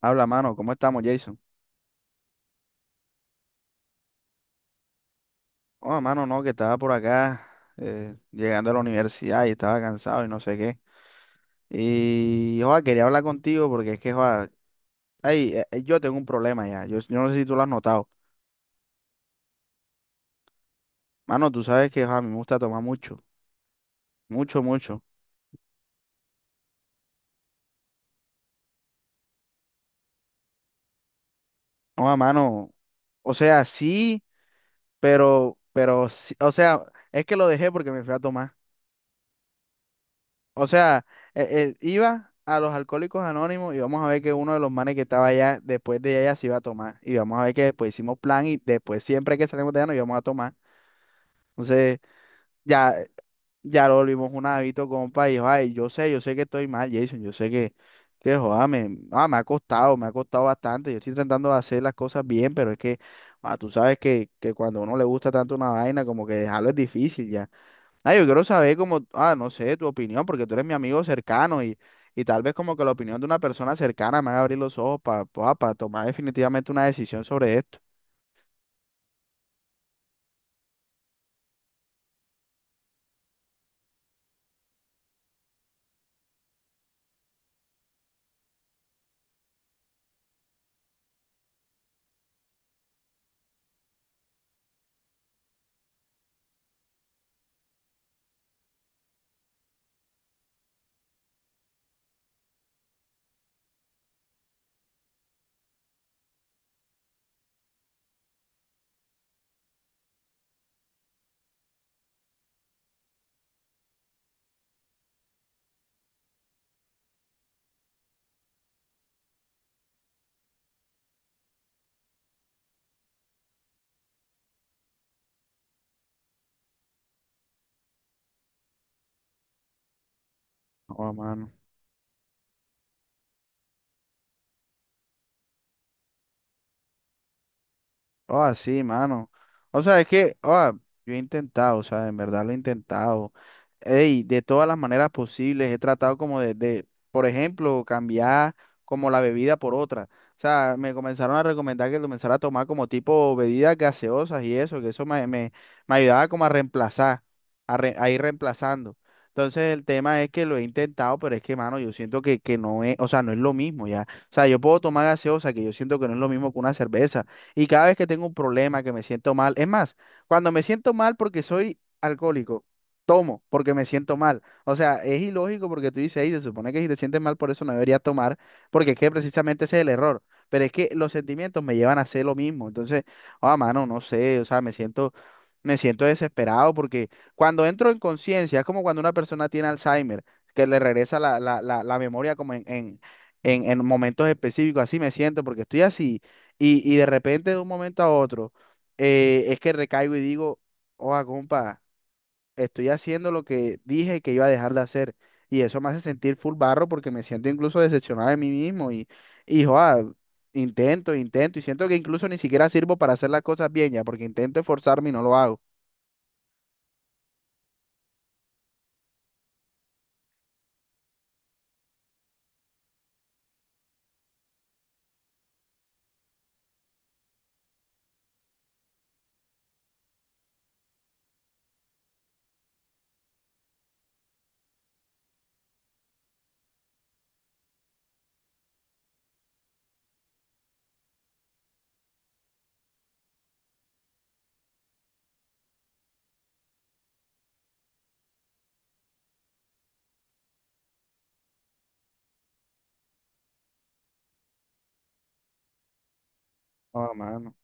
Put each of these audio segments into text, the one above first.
Habla, mano, ¿cómo estamos, Jason? Oh, mano, no, que estaba por acá llegando a la universidad y estaba cansado y no sé qué. Y, joa, quería hablar contigo porque es que, joa, ay, yo tengo un problema ya. Yo no sé si tú lo has notado. Mano, tú sabes que, joa, a mí me gusta tomar mucho, mucho, mucho. Joa, mano, o sea, sí, pero, o sea, es que lo dejé porque me fui a tomar. O sea, iba a los Alcohólicos Anónimos y vamos a ver que uno de los manes que estaba allá, después de allá se iba a tomar. Y vamos a ver que después hicimos plan y después siempre que salimos de allá nos íbamos a tomar. Entonces, ya, ya lo volvimos un hábito, compa, y dijo, ay, yo sé que estoy mal, Jason, yo sé que, joda, me ha costado bastante. Yo estoy tratando de hacer las cosas bien, pero es que, tú sabes que, cuando a uno le gusta tanto una vaina, como que dejarlo es difícil ya. Yo quiero saber como, no sé, tu opinión, porque tú eres mi amigo cercano y tal vez como que la opinión de una persona cercana me haga abrir los ojos para tomar definitivamente una decisión sobre esto. Oh, mano. Oh, sí, mano. O sea, es que, oh, yo he intentado, o sea, en verdad lo he intentado. Ey, de todas las maneras posibles, he tratado como de, por ejemplo, cambiar como la bebida por otra. O sea, me comenzaron a recomendar que comenzara a tomar como tipo bebidas gaseosas y eso, que eso me ayudaba como a reemplazar, a ir reemplazando. Entonces el tema es que lo he intentado, pero es que, mano, yo siento que no es, o sea, no es lo mismo ya. O sea, yo puedo tomar gaseosa, que yo siento que no es lo mismo que una cerveza. Y cada vez que tengo un problema, que me siento mal, es más, cuando me siento mal porque soy alcohólico, tomo porque me siento mal. O sea, es ilógico porque tú dices, ahí se supone que si te sientes mal por eso no deberías tomar, porque es que precisamente ese es el error. Pero es que los sentimientos me llevan a hacer lo mismo. Entonces, mano, no sé, o sea, me siento desesperado porque cuando entro en conciencia, es como cuando una persona tiene Alzheimer, que le regresa la memoria como en momentos específicos, así me siento porque estoy así y, de repente de un momento a otro, es que recaigo y digo, oh, compa, estoy haciendo lo que dije que iba a dejar de hacer. Y eso me hace sentir full barro porque me siento incluso decepcionado de mí mismo. Y, joa, intento, intento. Y siento que incluso ni siquiera sirvo para hacer las cosas bien ya, porque intento esforzarme y no lo hago. Oh, mano.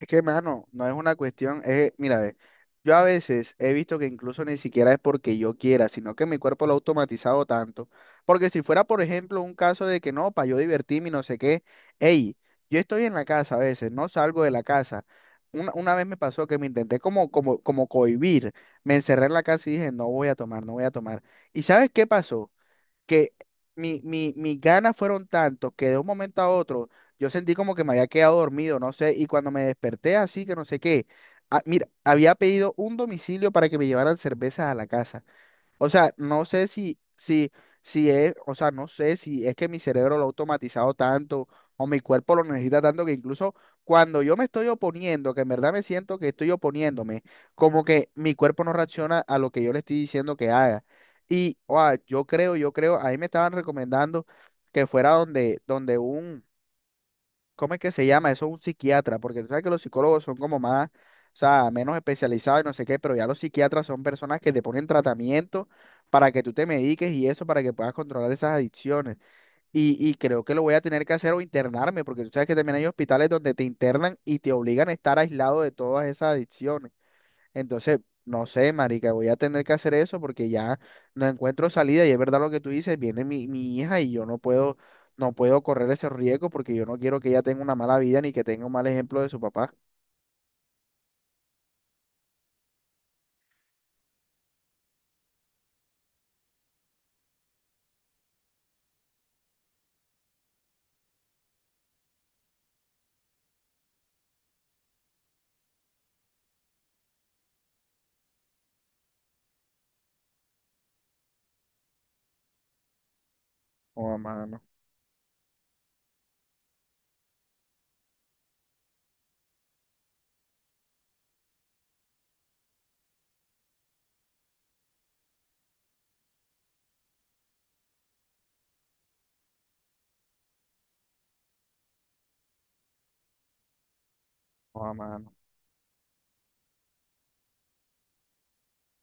Es que, mano, no es una cuestión, es, mira, ve, yo a veces he visto que incluso ni siquiera es porque yo quiera, sino que mi cuerpo lo ha automatizado tanto. Porque si fuera, por ejemplo, un caso de que no, para yo divertirme y no sé qué, hey, yo estoy en la casa a veces, no salgo de la casa. Una vez me pasó que me intenté como cohibir, me encerré en la casa y dije, no voy a tomar, no voy a tomar. ¿Y sabes qué pasó? Que mis ganas fueron tantos que de un momento a otro yo sentí como que me había quedado dormido, no sé, y cuando me desperté así que no sé qué, mira, había pedido un domicilio para que me llevaran cervezas a la casa. O sea, no sé si es, o sea, no sé si es que mi cerebro lo ha automatizado tanto o mi cuerpo lo necesita tanto que incluso cuando yo me estoy oponiendo, que en verdad me siento que estoy oponiéndome, como que mi cuerpo no reacciona a lo que yo le estoy diciendo que haga. Y, o yo creo, ahí me estaban recomendando que fuera donde un, ¿cómo es que se llama? Eso es un psiquiatra, porque tú sabes que los psicólogos son como más, o sea, menos especializados y no sé qué, pero ya los psiquiatras son personas que te ponen tratamiento para que tú te mediques y eso, para que puedas controlar esas adicciones. Y, creo que lo voy a tener que hacer o internarme, porque tú sabes que también hay hospitales donde te internan y te obligan a estar aislado de todas esas adicciones. Entonces, no sé, marica, voy a tener que hacer eso porque ya no encuentro salida y es verdad lo que tú dices, viene mi hija y yo no puedo, no puedo correr ese riesgo porque yo no quiero que ella tenga una mala vida ni que tenga un mal ejemplo de su papá. Oh, mano, oh, mano.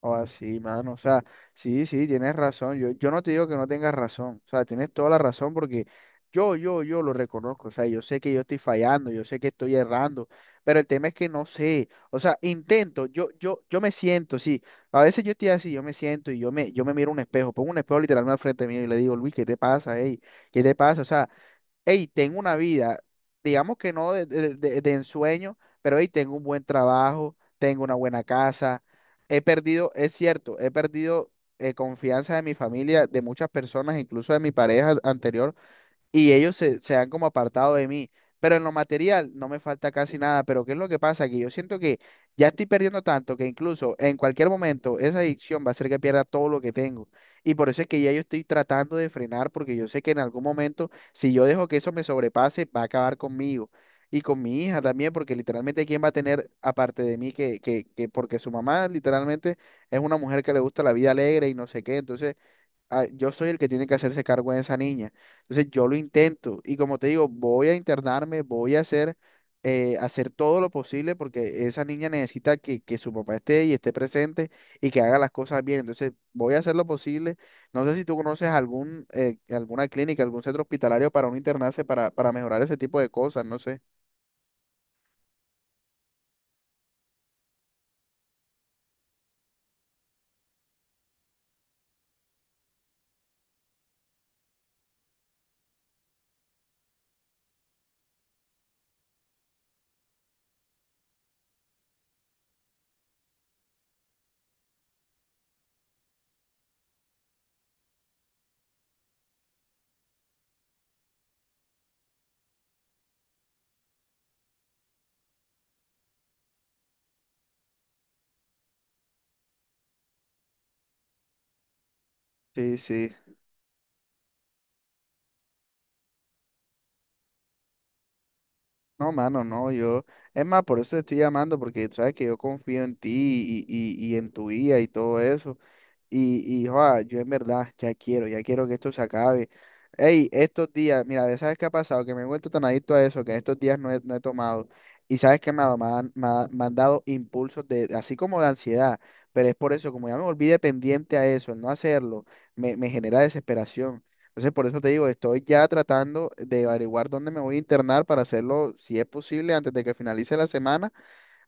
O así, mano. O sea, sí, sí, tienes razón. Yo no te digo que no tengas razón. O sea, tienes toda la razón porque yo lo reconozco. O sea, yo sé que yo estoy fallando, yo sé que estoy errando, pero el tema es que no sé. O sea, intento, yo me siento, sí. A veces yo estoy así, yo me siento y yo me miro un espejo, pongo un espejo literalmente al frente mío y le digo, Luis, ¿qué te pasa, ey? ¿Qué te pasa? O sea, hey, tengo una vida, digamos que no de ensueño, pero hey, tengo un buen trabajo, tengo una buena casa. He perdido, es cierto, he perdido confianza de mi familia, de muchas personas, incluso de mi pareja anterior, y ellos se han como apartado de mí. Pero en lo material no me falta casi nada. Pero ¿qué es lo que pasa? Que yo siento que ya estoy perdiendo tanto que incluso en cualquier momento esa adicción va a hacer que pierda todo lo que tengo. Y por eso es que ya yo estoy tratando de frenar porque yo sé que en algún momento, si yo dejo que eso me sobrepase, va a acabar conmigo. Y con mi hija también, porque literalmente quién va a tener aparte de mí que porque su mamá literalmente es una mujer que le gusta la vida alegre y no sé qué. Entonces, yo soy el que tiene que hacerse cargo de esa niña. Entonces yo lo intento y como te digo, voy a internarme, voy a hacer, hacer todo lo posible porque esa niña necesita que su papá esté y esté presente y que haga las cosas bien. Entonces voy a hacer lo posible. No sé si tú conoces algún, alguna clínica, algún centro hospitalario para un internarse para mejorar ese tipo de cosas, no sé. Sí, sí. No, mano, no, yo. Es más, por eso te estoy llamando, porque tú sabes que yo confío en ti y, en tu guía y todo eso. Y, joa, yo en verdad ya quiero que esto se acabe. Ey, estos días, mira, ve, ¿sabes qué ha pasado? Que me he vuelto tan adicto a eso, que en estos días no he tomado. Y sabes qué me, ha- dado me han, me ha- me han dado impulsos de, así como de ansiedad. Pero es por eso, como ya me volví dependiente a eso, el no hacerlo, me genera desesperación. Entonces, por eso te digo, estoy ya tratando de averiguar dónde me voy a internar para hacerlo, si es posible, antes de que finalice la semana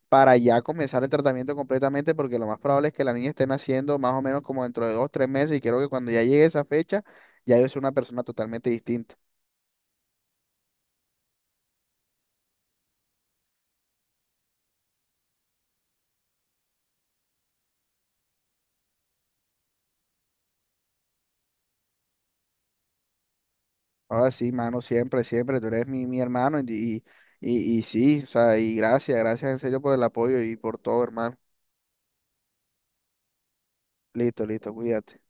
para ya comenzar el tratamiento completamente, porque lo más probable es que la niña esté naciendo más o menos como dentro de 2, 3 meses, y creo que cuando ya llegue esa fecha, ya yo soy una persona totalmente distinta. Ahora sí, mano, siempre, siempre, tú eres mi hermano, y, sí, o sea, y gracias, gracias en serio por el apoyo y por todo, hermano. Listo, listo, cuídate.